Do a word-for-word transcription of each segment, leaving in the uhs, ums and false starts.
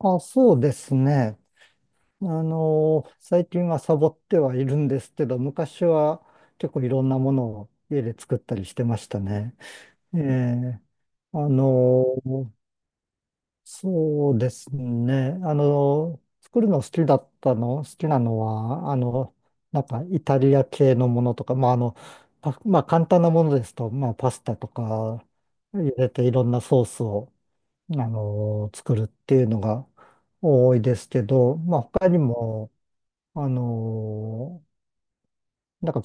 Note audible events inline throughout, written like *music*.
あ、そうですね。あの、最近はサボってはいるんですけど、昔は結構いろんなものを家で作ったりしてましたね。ええ、あの、そうですね。あの、作るの好きだったの、好きなのは、あの、なんかイタリア系のものとか、まあ、あの、パまあ、簡単なものですと、まあ、パスタとか入れていろんなソースをあの、作るっていうのが多いですけど、まあ他にも、あの、なんか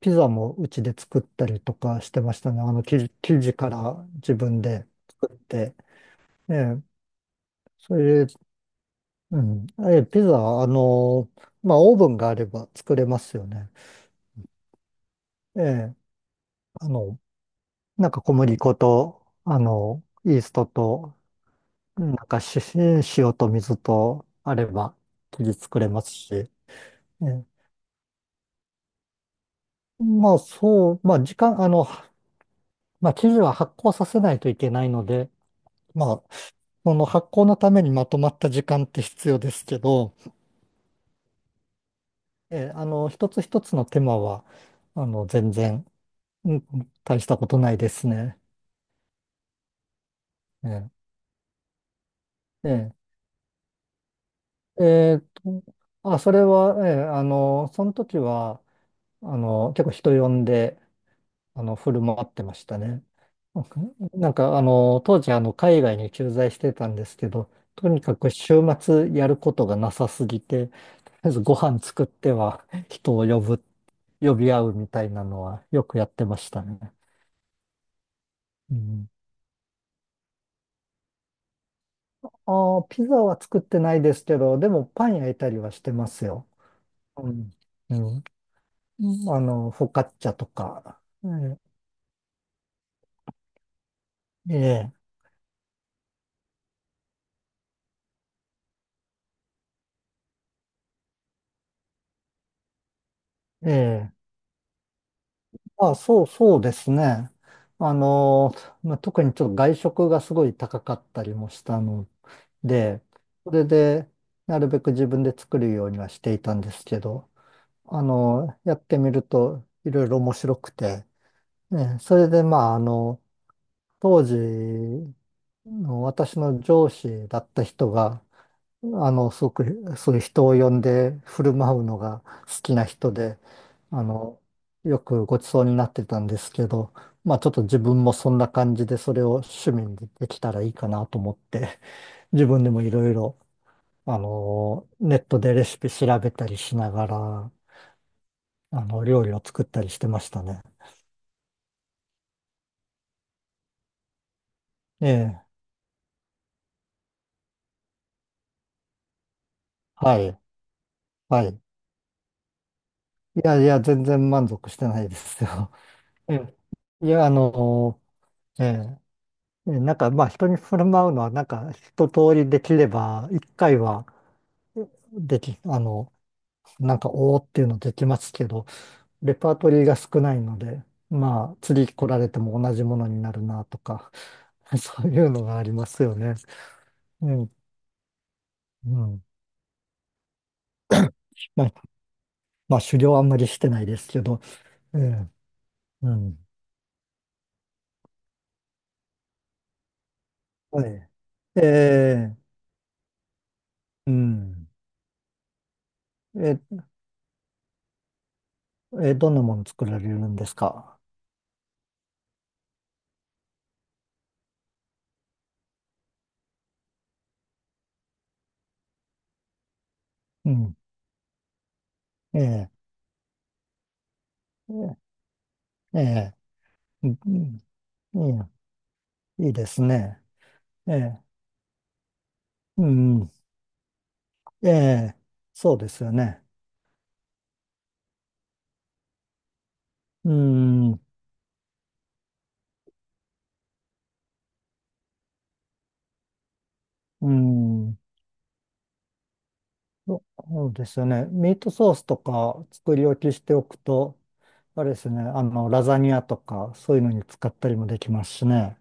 ピザもうちで作ったりとかしてましたね。あの生地、生地から自分で作って。ええ、それで、うん。ええ、ピザ、あの、まあオーブンがあれば作れますよね。ええ、あの、なんか小麦粉と、あの、イーストと、なんかし塩と水とあれば生地作れますし。ええ。まあそう、まあ時間、あの、まあ生地は発酵させないといけないので、まあその発酵のためにまとまった時間って必要ですけど、えーあの、一つ一つの手間は、あの、全然、うん大したことないですね。えええええーと、あ、それは、ええあの、その時は、あの、結構人呼んで、あの、振る舞ってましたね。*laughs* なんか、なんかあの、当時、あの、海外に駐在してたんですけど、とにかく週末やることがなさすぎて、とりあえずご飯作っては人を呼ぶ、呼び合うみたいなのはよくやってましたね。うん。ああ、ピザは作ってないですけど、でもパン焼いたりはしてますよ。うん。うん。うんあの、フォカッチャとか。ええ、ええ、ええ。あ、そう、そうですね。あの、まあ、特にちょっと外食がすごい高かったりもしたので、それで、なるべく自分で作るようにはしていたんですけど、あの、やってみるといろいろ面白くて、ね、それで、まあ、あの、当時の私の上司だった人が、あの、すごく、そういう人を呼んで振る舞うのが好きな人で、あの、よくごちそうになってたんですけど、まあちょっと自分もそんな感じでそれを趣味にできたらいいかなと思って、自分でもいろいろ、あの、ネットでレシピ調べたりしながら、あの、料理を作ったりしてましたね。ええ、はい、はい。いやいや、全然満足してないですよ。ええ、いや、あの、えええなんかまあ人に振る舞うのはなんか一通りできれば一回はでき、あの、なんかおーっていうのできますけど、レパートリーが少ないので、まあ次来られても同じものになるなとか、*laughs* そういうのがありますよね。うん、うん。まあ、まあ狩猟はあんまりしてないですけど、ええ、うん。はい。ええ、うん。え、え、どんなもの作られるんですか？うん。ええ、ええ、ええ。いい、いいですね。ええ、うん、ええ、そうですよね。うん、うん、そそうですよね。ミートソースとか作り置きしておくと、あれですね、あの、ラザニアとか、そういうのに使ったりもできますしね。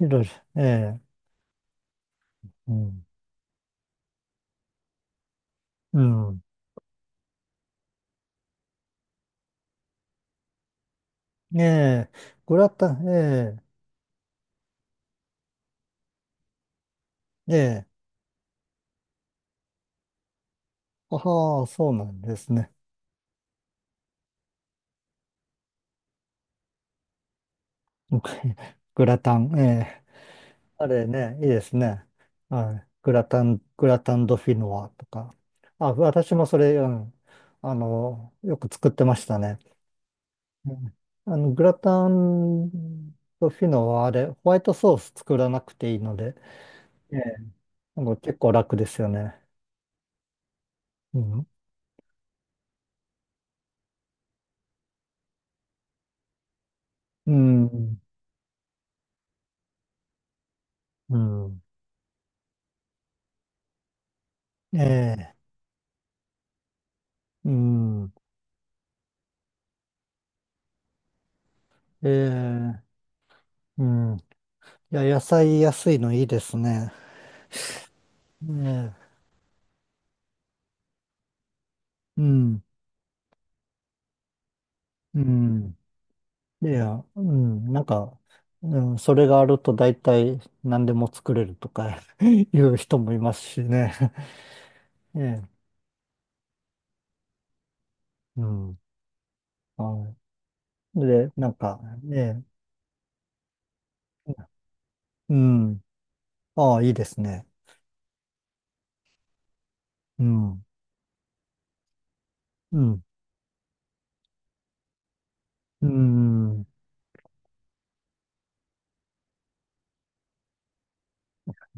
いろいろ、ええ、うん、うん、ええ、グラタン、ええ、ええ、ああ、そうなんですね。*laughs* グラタン、ええ、あれね、いいですね。はい。グラタン、グラタンドフィノワとか。あ、私もそれ、うん、あの、よく作ってましたね。うん、あの、グラタンドフィノワ、あれ、ホワイトソース作らなくていいので、ええ、なんか結構楽ですよね。うん。うん。うん。ええ。うん。ええ。うん。いや、野菜安いのいいですね。ええ。うん。うん。いや、うん、なんか、うん、それがあると大体何でも作れるとか *laughs* いう人もいますしね。*laughs* ええ、うん。はい。で、なんか、ね、うん。ああ、いいですね。うん。うん。うん。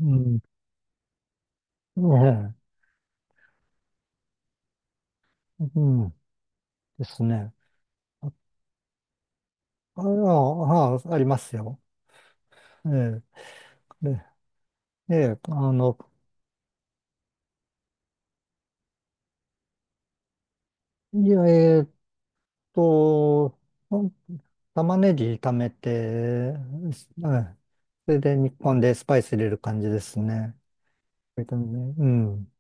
うん。ねえ、うん。ですね。あ、ああ、あありますよ。ええ、で、ええ、あの、いや、えーっと、玉ねぎ炒めて、うん、それで日本でスパイス入れる感じですね。ビタミ、ね、うん。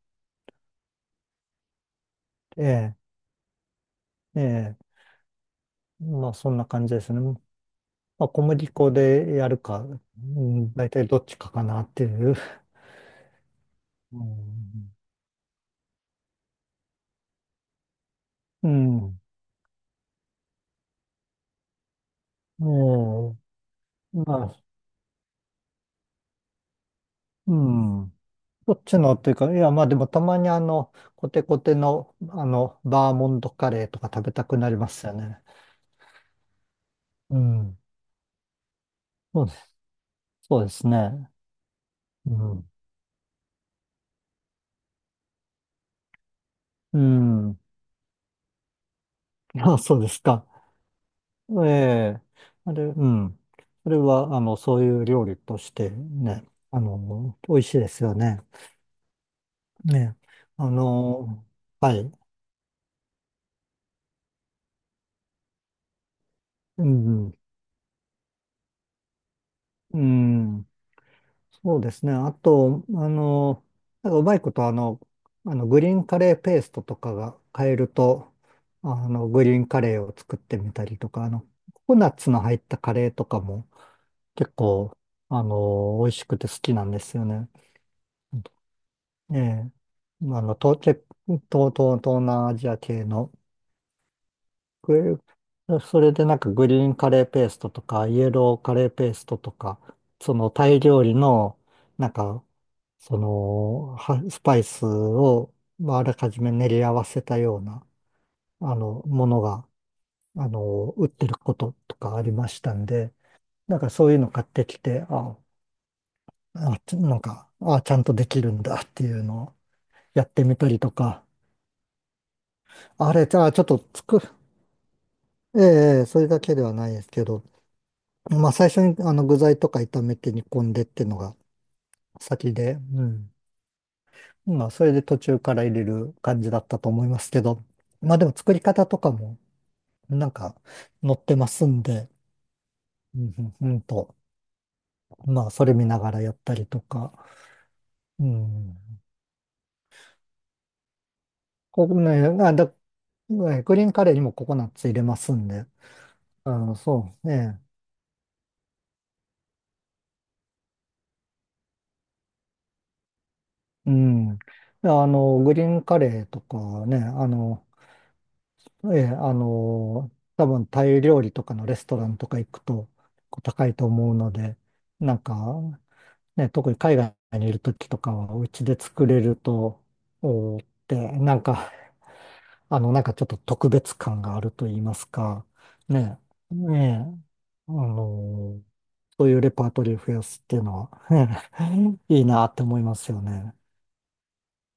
ええ、ええ。まあそんな感じですね。まあ小麦粉でやるか、うん、大体どっちかかなっていう。うん。うん。ええ、まあ、うん。どっちのっていうか、いやまあでもたまにあの、コテコテのあの、バーモントカレーとか食べたくなりますよね。うん。そうですそうですね。うん。うん。あ、そうですか。ええ、あれ、うん。それは、あの、そういう料理としてね、あの、美味しいですよね。ね、あの、はい。うん、うん、そうですね。あと、あの、なんかうまいこと、あの、あの、グリーンカレーペーストとかが買えると、あの、グリーンカレーを作ってみたりとか、あの、ココナッツの入ったカレーとかも結構、あの、美味しくて好きなんですよね。ええ、まああの、東、東、東、東南アジア系の、グそれでなんかグリーンカレーペーストとか、イエローカレーペーストとか、そのタイ料理の、なんか、その、はスパイスを、まあ、あらかじめ練り合わせたような、あの、ものが、あの、売ってることとかありましたんで、なんかそういうの買ってきて、ああ、ちなんか、ああ、ちゃんとできるんだっていうのをやってみたりとか、あれ、じゃあ、ちょっと作る、ええ、それだけではないですけど、まあ、最初にあの具材とか炒めて煮込んでっていうのが先で、うん。まあ、それで途中から入れる感じだったと思いますけど、まあ、でも作り方とかも、なんか、載ってますんで、うん、うんうんと、まあ、それ見ながらやったりとか、うん。ここね、あ、だ、ねグリーンカレーにもココナッツ入れますんで、あの、そう、ね、うん。であの、グリーンカレーとかね、あの、ええ、あの、多分タイ料理とかのレストランとか行くとこう高いと思うので、なんか、ね、特に海外にいる時とかはお家で作れると、おーって、なんか、あの、なんかちょっと特別感があると言いますか、ね、ねえ、あの、そういうレパートリーを増やすっていうのは *laughs* いいなって思いますよね。